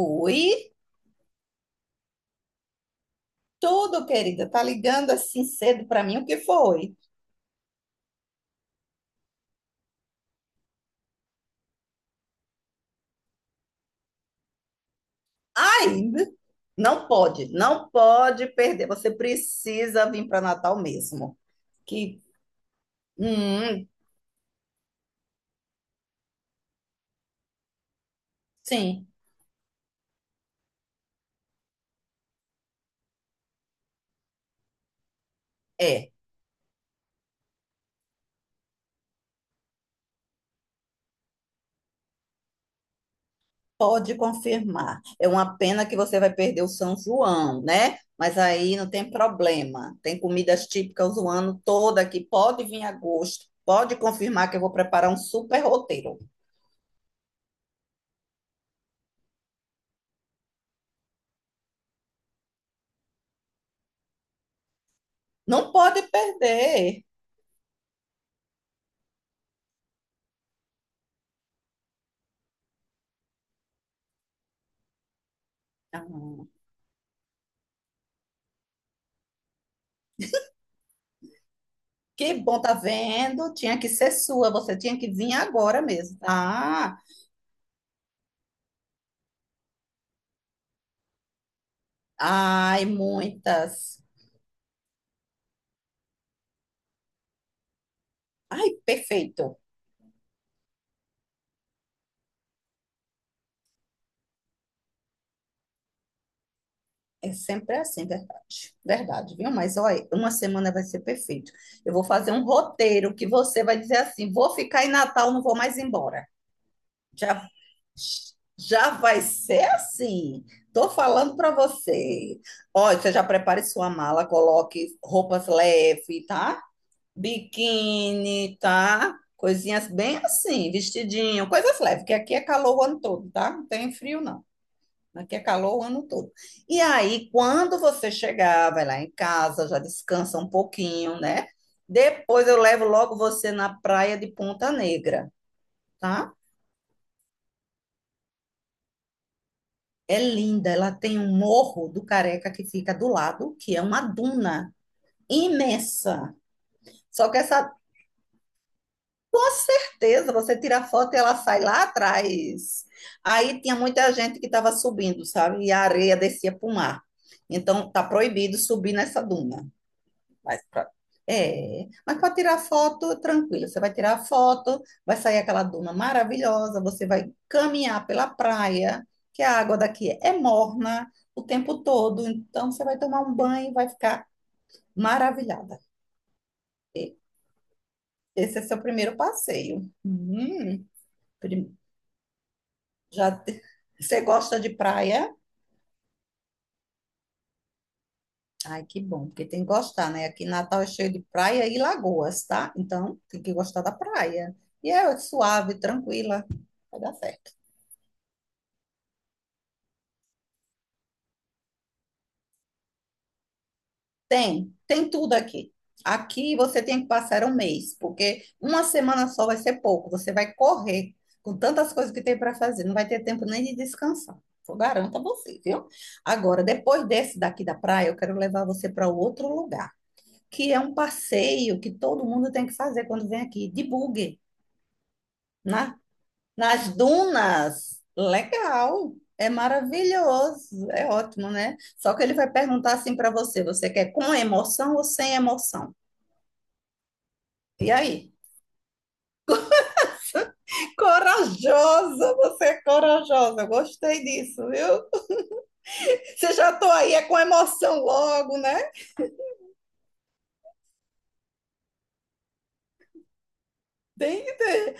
Oi, tudo, querida. Tá ligando assim cedo pra mim? O que foi? Ainda não pode, não pode perder. Você precisa vir para Natal mesmo. Que, hum, sim, é. Pode confirmar. É uma pena que você vai perder o São João, né? Mas aí não tem problema. Tem comidas típicas o ano todo aqui. Pode vir em agosto. Pode confirmar que eu vou preparar um super roteiro. Não pode perder. Ah. Que bom, tá vendo? Tinha que ser sua, você tinha que vir agora mesmo. Ah, ai, muitas. Ai, perfeito. É sempre assim, verdade. Verdade, viu? Mas olha, uma semana vai ser perfeito. Eu vou fazer um roteiro que você vai dizer assim: vou ficar em Natal, não vou mais embora. Já, já vai ser assim. Tô falando para você. Olha, você já prepare sua mala, coloque roupas leves, tá? Biquíni, tá? Coisinhas bem assim, vestidinho, coisas leves, porque aqui é calor o ano todo, tá? Não tem frio, não. Aqui é calor o ano todo. E aí, quando você chegar, vai lá em casa, já descansa um pouquinho, né? Depois eu levo logo você na praia de Ponta Negra, tá? É linda, ela tem um morro do Careca que fica do lado, que é uma duna imensa. Só que essa Com certeza, você tira a foto e ela sai lá atrás. Aí tinha muita gente que estava subindo, sabe? E a areia descia para o mar. Então, tá proibido subir nessa duna. Mas pra- É, mas para tirar foto, tranquilo. Você vai tirar a foto, vai sair aquela duna maravilhosa, você vai caminhar pela praia, que a água daqui é morna o tempo todo. Então, você vai tomar um banho e vai ficar maravilhada. E Esse é seu primeiro passeio. Hum. Já te- Você gosta de praia? Ai, que bom, porque tem que gostar, né? Aqui em Natal é cheio de praia e lagoas, tá? Então, tem que gostar da praia. E é suave, tranquila, vai dar certo. Tem tudo aqui. Aqui você tem que passar um mês, porque uma semana só vai ser pouco. Você vai correr com tantas coisas que tem para fazer, não vai ter tempo nem de descansar. Eu garanto a você, viu? Agora, depois desse daqui da praia, eu quero levar você para outro lugar. Que é um passeio que todo mundo tem que fazer quando vem aqui, de buggy, né? Nas dunas. Legal, é maravilhoso, é ótimo, né? Só que ele vai perguntar assim para você, você quer com emoção ou sem emoção? E aí? Corajosa, você é corajosa, eu gostei disso, viu? Você já tô aí, é com emoção logo, né? Tem que ter.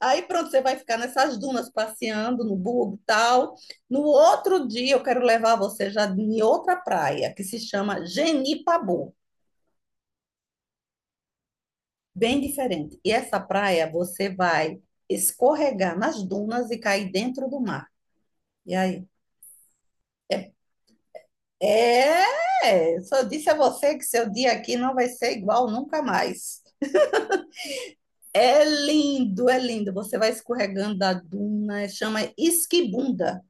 Aí pronto, você vai ficar nessas dunas passeando no bug e tal. No outro dia eu quero levar você já em outra praia que se chama Genipabu, bem diferente. E essa praia você vai escorregar nas dunas e cair dentro do mar. E aí? É, só disse a você que seu dia aqui não vai ser igual nunca mais. É lindo, é lindo. Você vai escorregando da duna, chama esquibunda.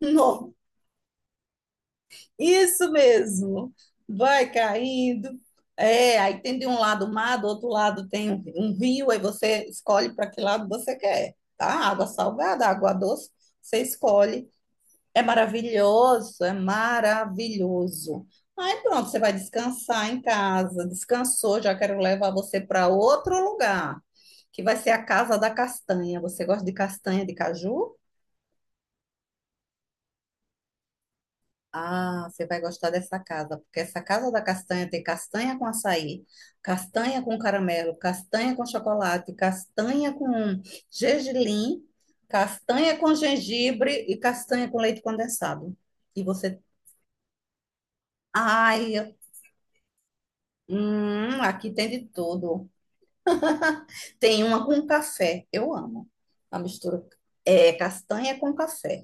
Não Isso mesmo. Vai caindo. É, aí tem de um lado o mar, do outro lado tem um rio, aí você escolhe para que lado você quer, tá? Água salgada, água doce, você escolhe. É maravilhoso, é maravilhoso. Aí pronto, você vai descansar em casa. Descansou, já quero levar você para outro lugar, que vai ser a Casa da Castanha. Você gosta de castanha de caju? Ah, você vai gostar dessa casa, porque essa casa da castanha tem castanha com açaí, castanha com caramelo, castanha com chocolate, castanha com gergelim, castanha com gengibre e castanha com leite condensado. E você. Ai, aqui tem de tudo. Tem uma com café, eu amo. A mistura é castanha com café.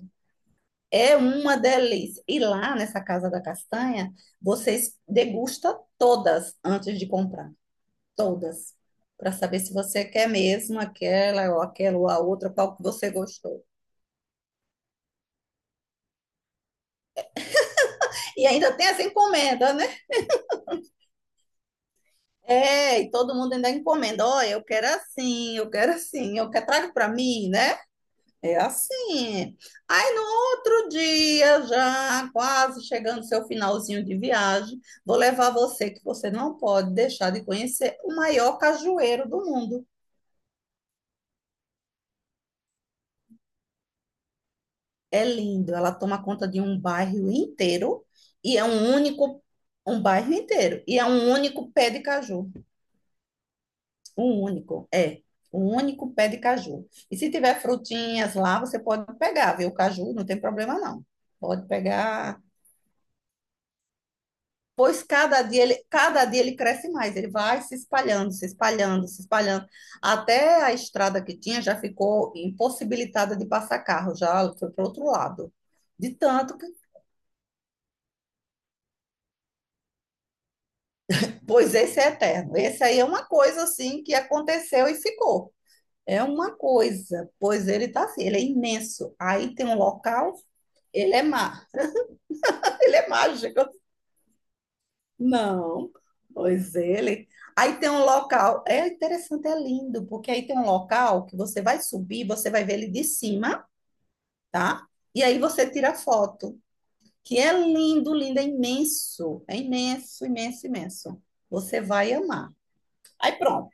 É uma delícia. E lá nessa Casa da Castanha, vocês degustam todas antes de comprar, todas, para saber se você quer mesmo aquela ou aquela ou a outra, qual que você gostou. E ainda tem essa encomenda, né? É, e todo mundo ainda encomenda. Olha, eu quero assim, eu quero assim, eu quero, traga para mim, né? É assim. Aí no outro dia, já quase chegando seu finalzinho de viagem, vou levar você, que você não pode deixar de conhecer o maior cajueiro do mundo. É lindo, ela toma conta de um bairro inteiro e é um único, um bairro inteiro, e é um único pé de caju. Um único, é. Um único pé de caju. E se tiver frutinhas lá, você pode pegar, viu? O caju não tem problema não. Pode pegar pois cada dia ele cresce mais, ele vai se espalhando, se espalhando, se espalhando. Até a estrada que tinha já ficou impossibilitada de passar carro, já foi para o outro lado. De tanto que, Pois esse é eterno. Esse aí é uma coisa assim que aconteceu e ficou. É uma coisa, pois ele está assim, ele é imenso. Aí tem um local, ele é má, Ele é mágico. Não, pois ele. Aí tem um local, é interessante, é lindo, porque aí tem um local que você vai subir, você vai ver ele de cima, tá? E aí você tira foto, que é lindo, lindo, é imenso, imenso, imenso. Você vai amar. Aí pronto.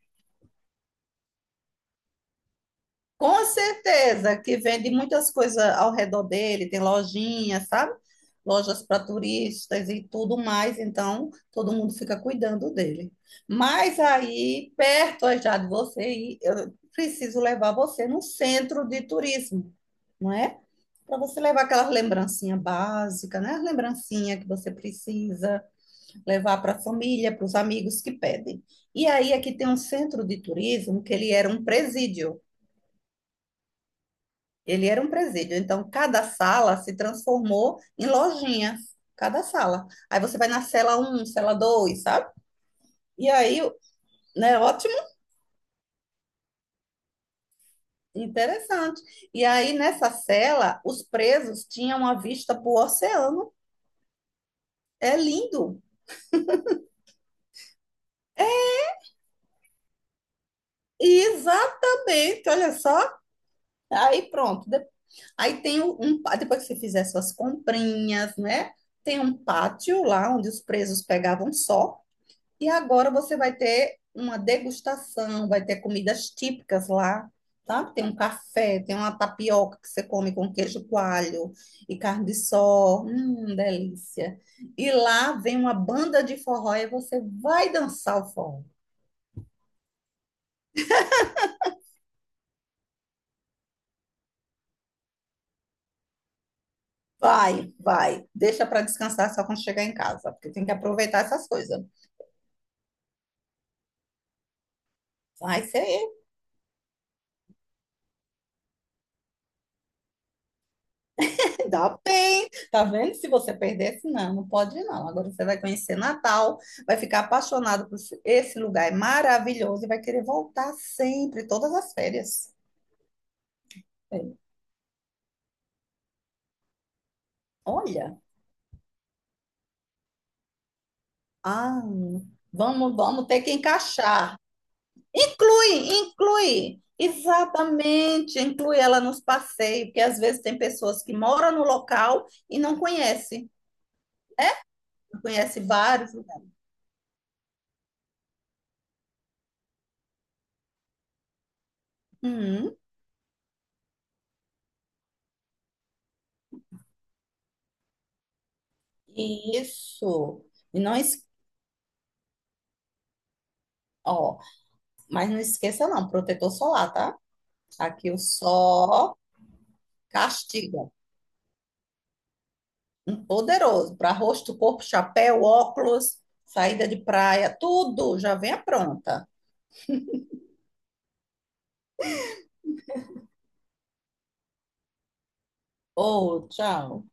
Com certeza, que vende muitas coisas ao redor dele, tem lojinhas, sabe? Lojas para turistas e tudo mais, então todo mundo fica cuidando dele. Mas aí, perto já de você, ir, eu preciso levar você no centro de turismo, não é? Para você levar aquelas lembrancinhas básicas, né? As lembrancinhas que você precisa levar para a família, para os amigos que pedem. E aí, aqui tem um centro de turismo que ele era um presídio. Ele era um presídio. Então, cada sala se transformou em lojinhas. Cada sala. Aí você vai na cela um, cela 2, sabe? E aí, né, ótimo, interessante. E aí, nessa cela, os presos tinham uma vista para o oceano. É lindo. Exatamente, olha só. Aí pronto. Aí tem um, um pá- Depois que você fizer suas comprinhas, né? Tem um pátio lá onde os presos pegavam sol. E agora você vai ter uma degustação, vai ter comidas típicas lá, tá? Tem um café, tem uma tapioca que você come com queijo coalho e carne de sol. Delícia. E lá vem uma banda de forró e você vai dançar o forró. Vai, vai. Deixa para descansar só quando chegar em casa, porque tem que aproveitar essas coisas. Vai ser Se dá bem, tá vendo? Se você perdesse, não, não pode não. Agora você vai conhecer Natal, vai ficar apaixonado por esse lugar, é maravilhoso e vai querer voltar sempre, todas as férias. É. Olha, ah, vamos ter que encaixar. Inclui, inclui. Exatamente, inclui ela nos passeios, porque às vezes tem pessoas que moram no local e não conhecem, não conhece vários lugares. Hum, isso. E não, es- ó, Mas não esqueça não, protetor solar, tá? Aqui o sol castiga. Um poderoso para rosto, corpo, chapéu, óculos, saída de praia, tudo já venha pronta. Ô, tchau.